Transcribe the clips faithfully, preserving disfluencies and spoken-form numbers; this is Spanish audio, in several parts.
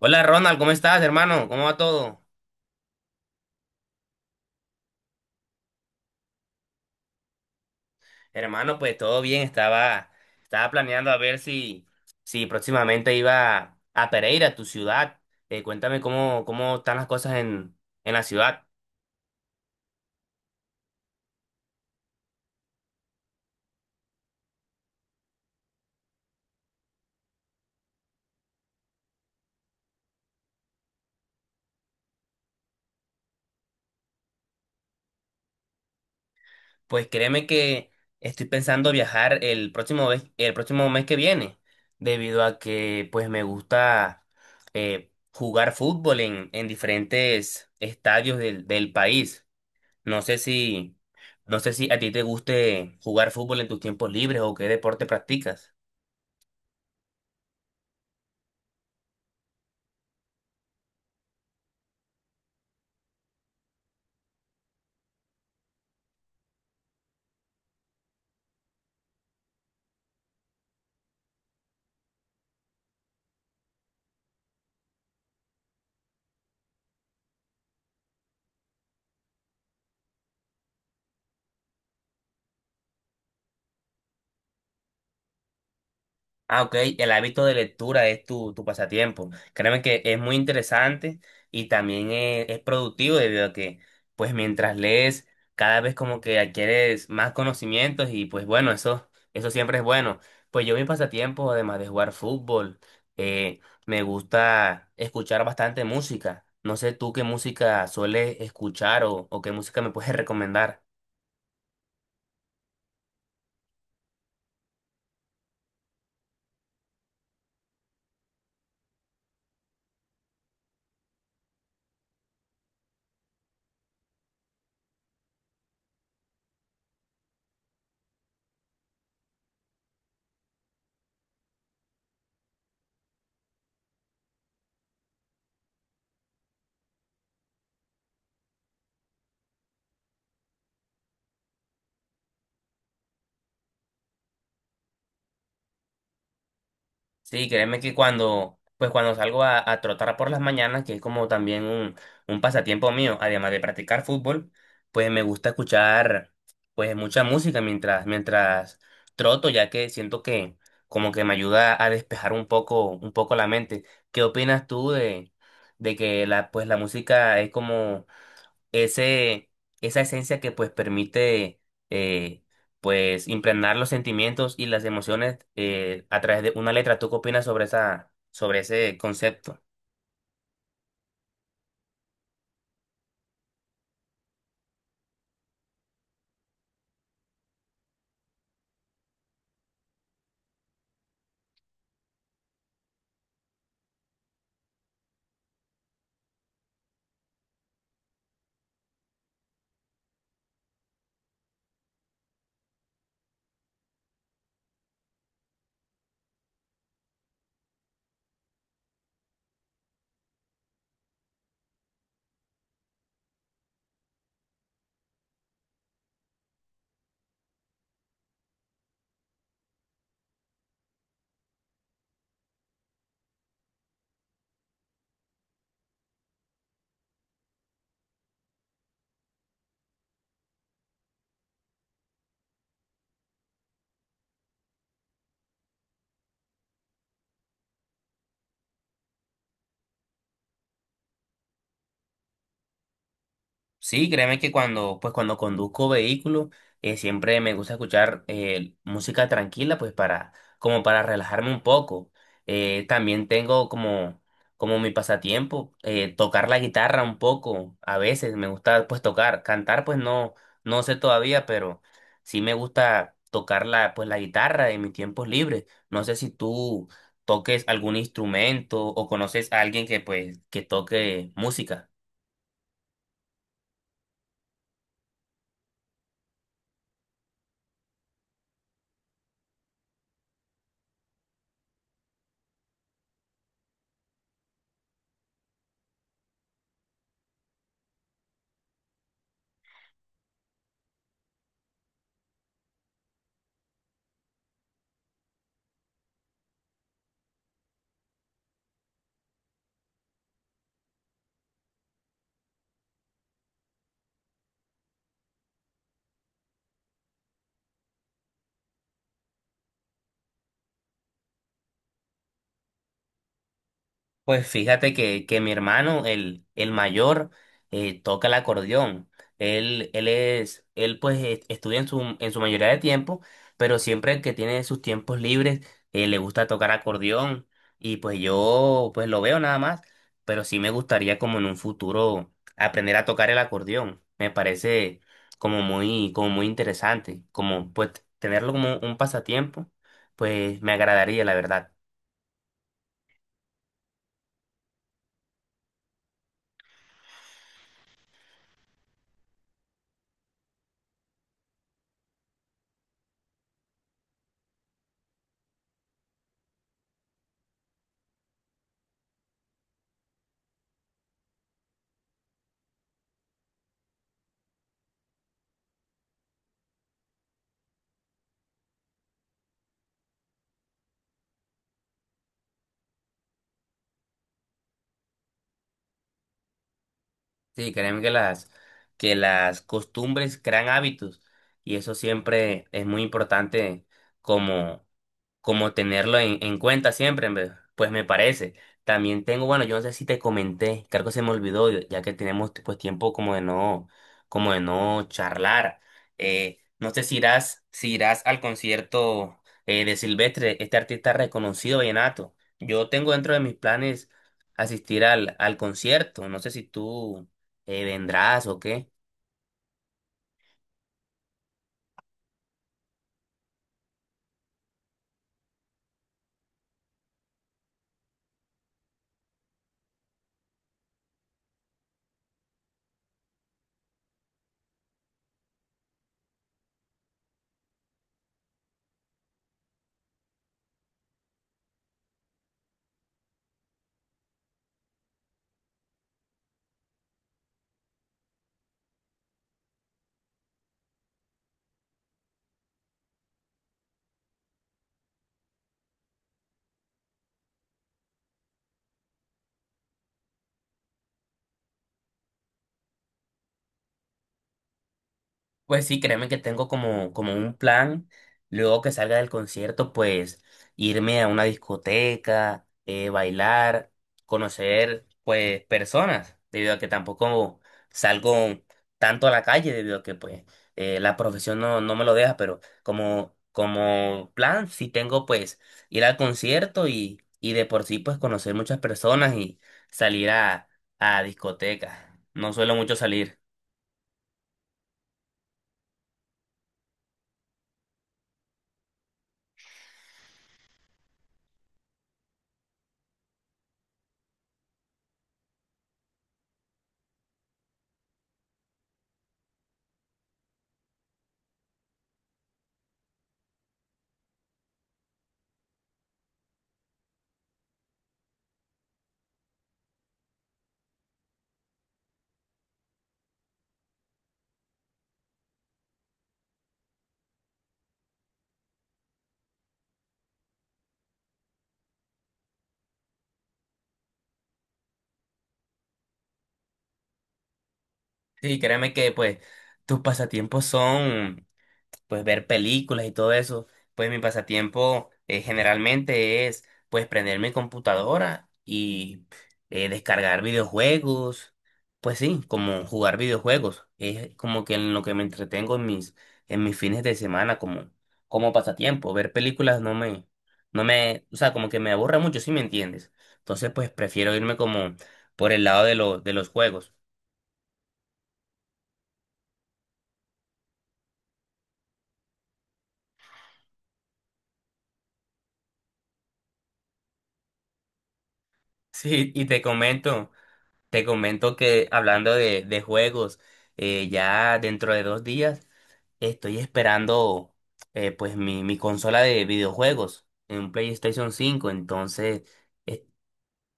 Hola Ronald, ¿cómo estás, hermano? ¿Cómo va todo? Hermano, pues todo bien, estaba, estaba planeando a ver si, si próximamente iba a Pereira, tu ciudad. Eh, cuéntame cómo, cómo están las cosas en, en la ciudad. Pues créeme que estoy pensando viajar el próximo mes, el próximo mes que viene, debido a que pues me gusta eh, jugar fútbol en, en diferentes estadios del, del país. No sé si, no sé si a ti te guste jugar fútbol en tus tiempos libres o qué deporte practicas. Ah, ok, el hábito de lectura es tu, tu pasatiempo. Créeme que es muy interesante y también es, es productivo debido a que, pues mientras lees, cada vez como que adquieres más conocimientos y pues bueno, eso, eso siempre es bueno. Pues yo mi pasatiempo, además de jugar fútbol, eh, me gusta escuchar bastante música. No sé tú qué música sueles escuchar o, o qué música me puedes recomendar. Sí, créeme que cuando, pues cuando salgo a, a trotar por las mañanas, que es como también un, un pasatiempo mío, además de practicar fútbol, pues me gusta escuchar pues mucha música mientras, mientras troto, ya que siento que como que me ayuda a despejar un poco, un poco la mente. ¿Qué opinas tú de, de que la, pues la música es como ese, esa esencia que pues permite eh, pues impregnar los sentimientos y las emociones, eh, a través de una letra? ¿Tú qué opinas sobre esa, sobre ese concepto? Sí, créeme que cuando, pues cuando conduzco vehículo, eh, siempre me gusta escuchar eh, música tranquila, pues para, como para relajarme un poco. Eh, también tengo como, como mi pasatiempo, eh, tocar la guitarra un poco. A veces me gusta pues tocar, cantar pues no, no sé todavía, pero sí me gusta tocar la, pues la guitarra en mis tiempos libres. No sé si tú toques algún instrumento o conoces a alguien que pues que toque música. Pues fíjate que, que mi hermano, el, el mayor, eh, toca el acordeón. Él, él es, él pues es- estudia en su, en su mayoría de tiempo, pero siempre que tiene sus tiempos libres, eh, le gusta tocar acordeón. Y pues yo pues lo veo nada más, pero sí me gustaría como en un futuro aprender a tocar el acordeón. Me parece como muy, como muy interesante, como pues tenerlo como un pasatiempo, pues me agradaría, la verdad. Sí, créeme que las, que las costumbres crean hábitos y eso siempre es muy importante como, como tenerlo en, en cuenta siempre, en pues me parece. También tengo, bueno, yo no sé si te comenté, creo que se me olvidó, ya que tenemos pues tiempo como de no, como de no charlar. Eh, no sé si irás, si irás al concierto eh, de Silvestre, este artista reconocido vallenato. Yo tengo dentro de mis planes asistir al, al concierto. No sé si tú eh, vendrás o qué. Pues sí, créeme que tengo como, como un plan, luego que salga del concierto, pues irme a una discoteca, eh, bailar, conocer pues personas, debido a que tampoco salgo tanto a la calle, debido a que pues eh, la profesión no, no me lo deja, pero como, como plan sí tengo pues ir al concierto y, y de por sí pues conocer muchas personas y salir a, a discotecas. No suelo mucho salir. Sí, créeme que pues tus pasatiempos son pues ver películas y todo eso. Pues mi pasatiempo, eh, generalmente es pues prender mi computadora y eh, descargar videojuegos. Pues sí, como jugar videojuegos. Es como que en lo que me entretengo en mis, en mis fines de semana como, como pasatiempo. Ver películas no me, no me, o sea, como que me aburre mucho, si me entiendes. Entonces pues prefiero irme como por el lado de, lo, de los juegos. Sí, y te comento. Te comento que hablando de, de juegos, eh, ya dentro de dos días estoy esperando, eh, pues mi, mi consola de videojuegos en un PlayStation cinco, entonces.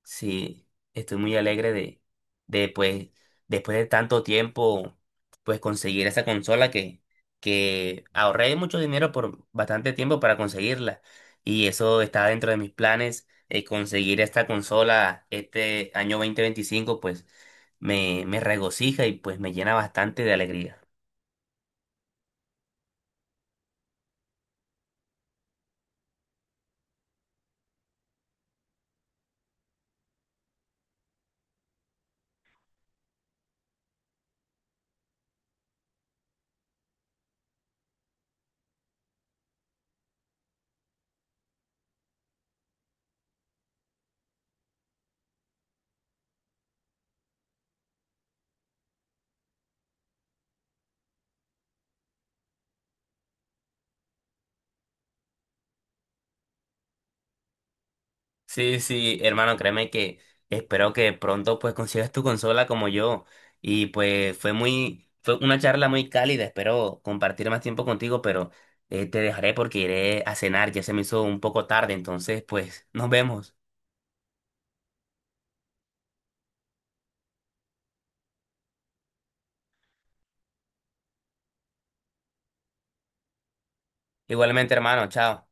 Sí, estoy muy alegre de, de pues, después de tanto tiempo, pues conseguir esa consola que, que ahorré mucho dinero por bastante tiempo para conseguirla. Y eso está dentro de mis planes, eh, conseguir esta consola este año dos mil veinticinco, pues me, me regocija y pues me llena bastante de alegría. Sí, sí, hermano, créeme que espero que pronto pues consigas tu consola como yo. Y pues fue muy, fue una charla muy cálida, espero compartir más tiempo contigo, pero eh, te dejaré porque iré a cenar, ya se me hizo un poco tarde, entonces pues nos vemos. Igualmente, hermano, chao.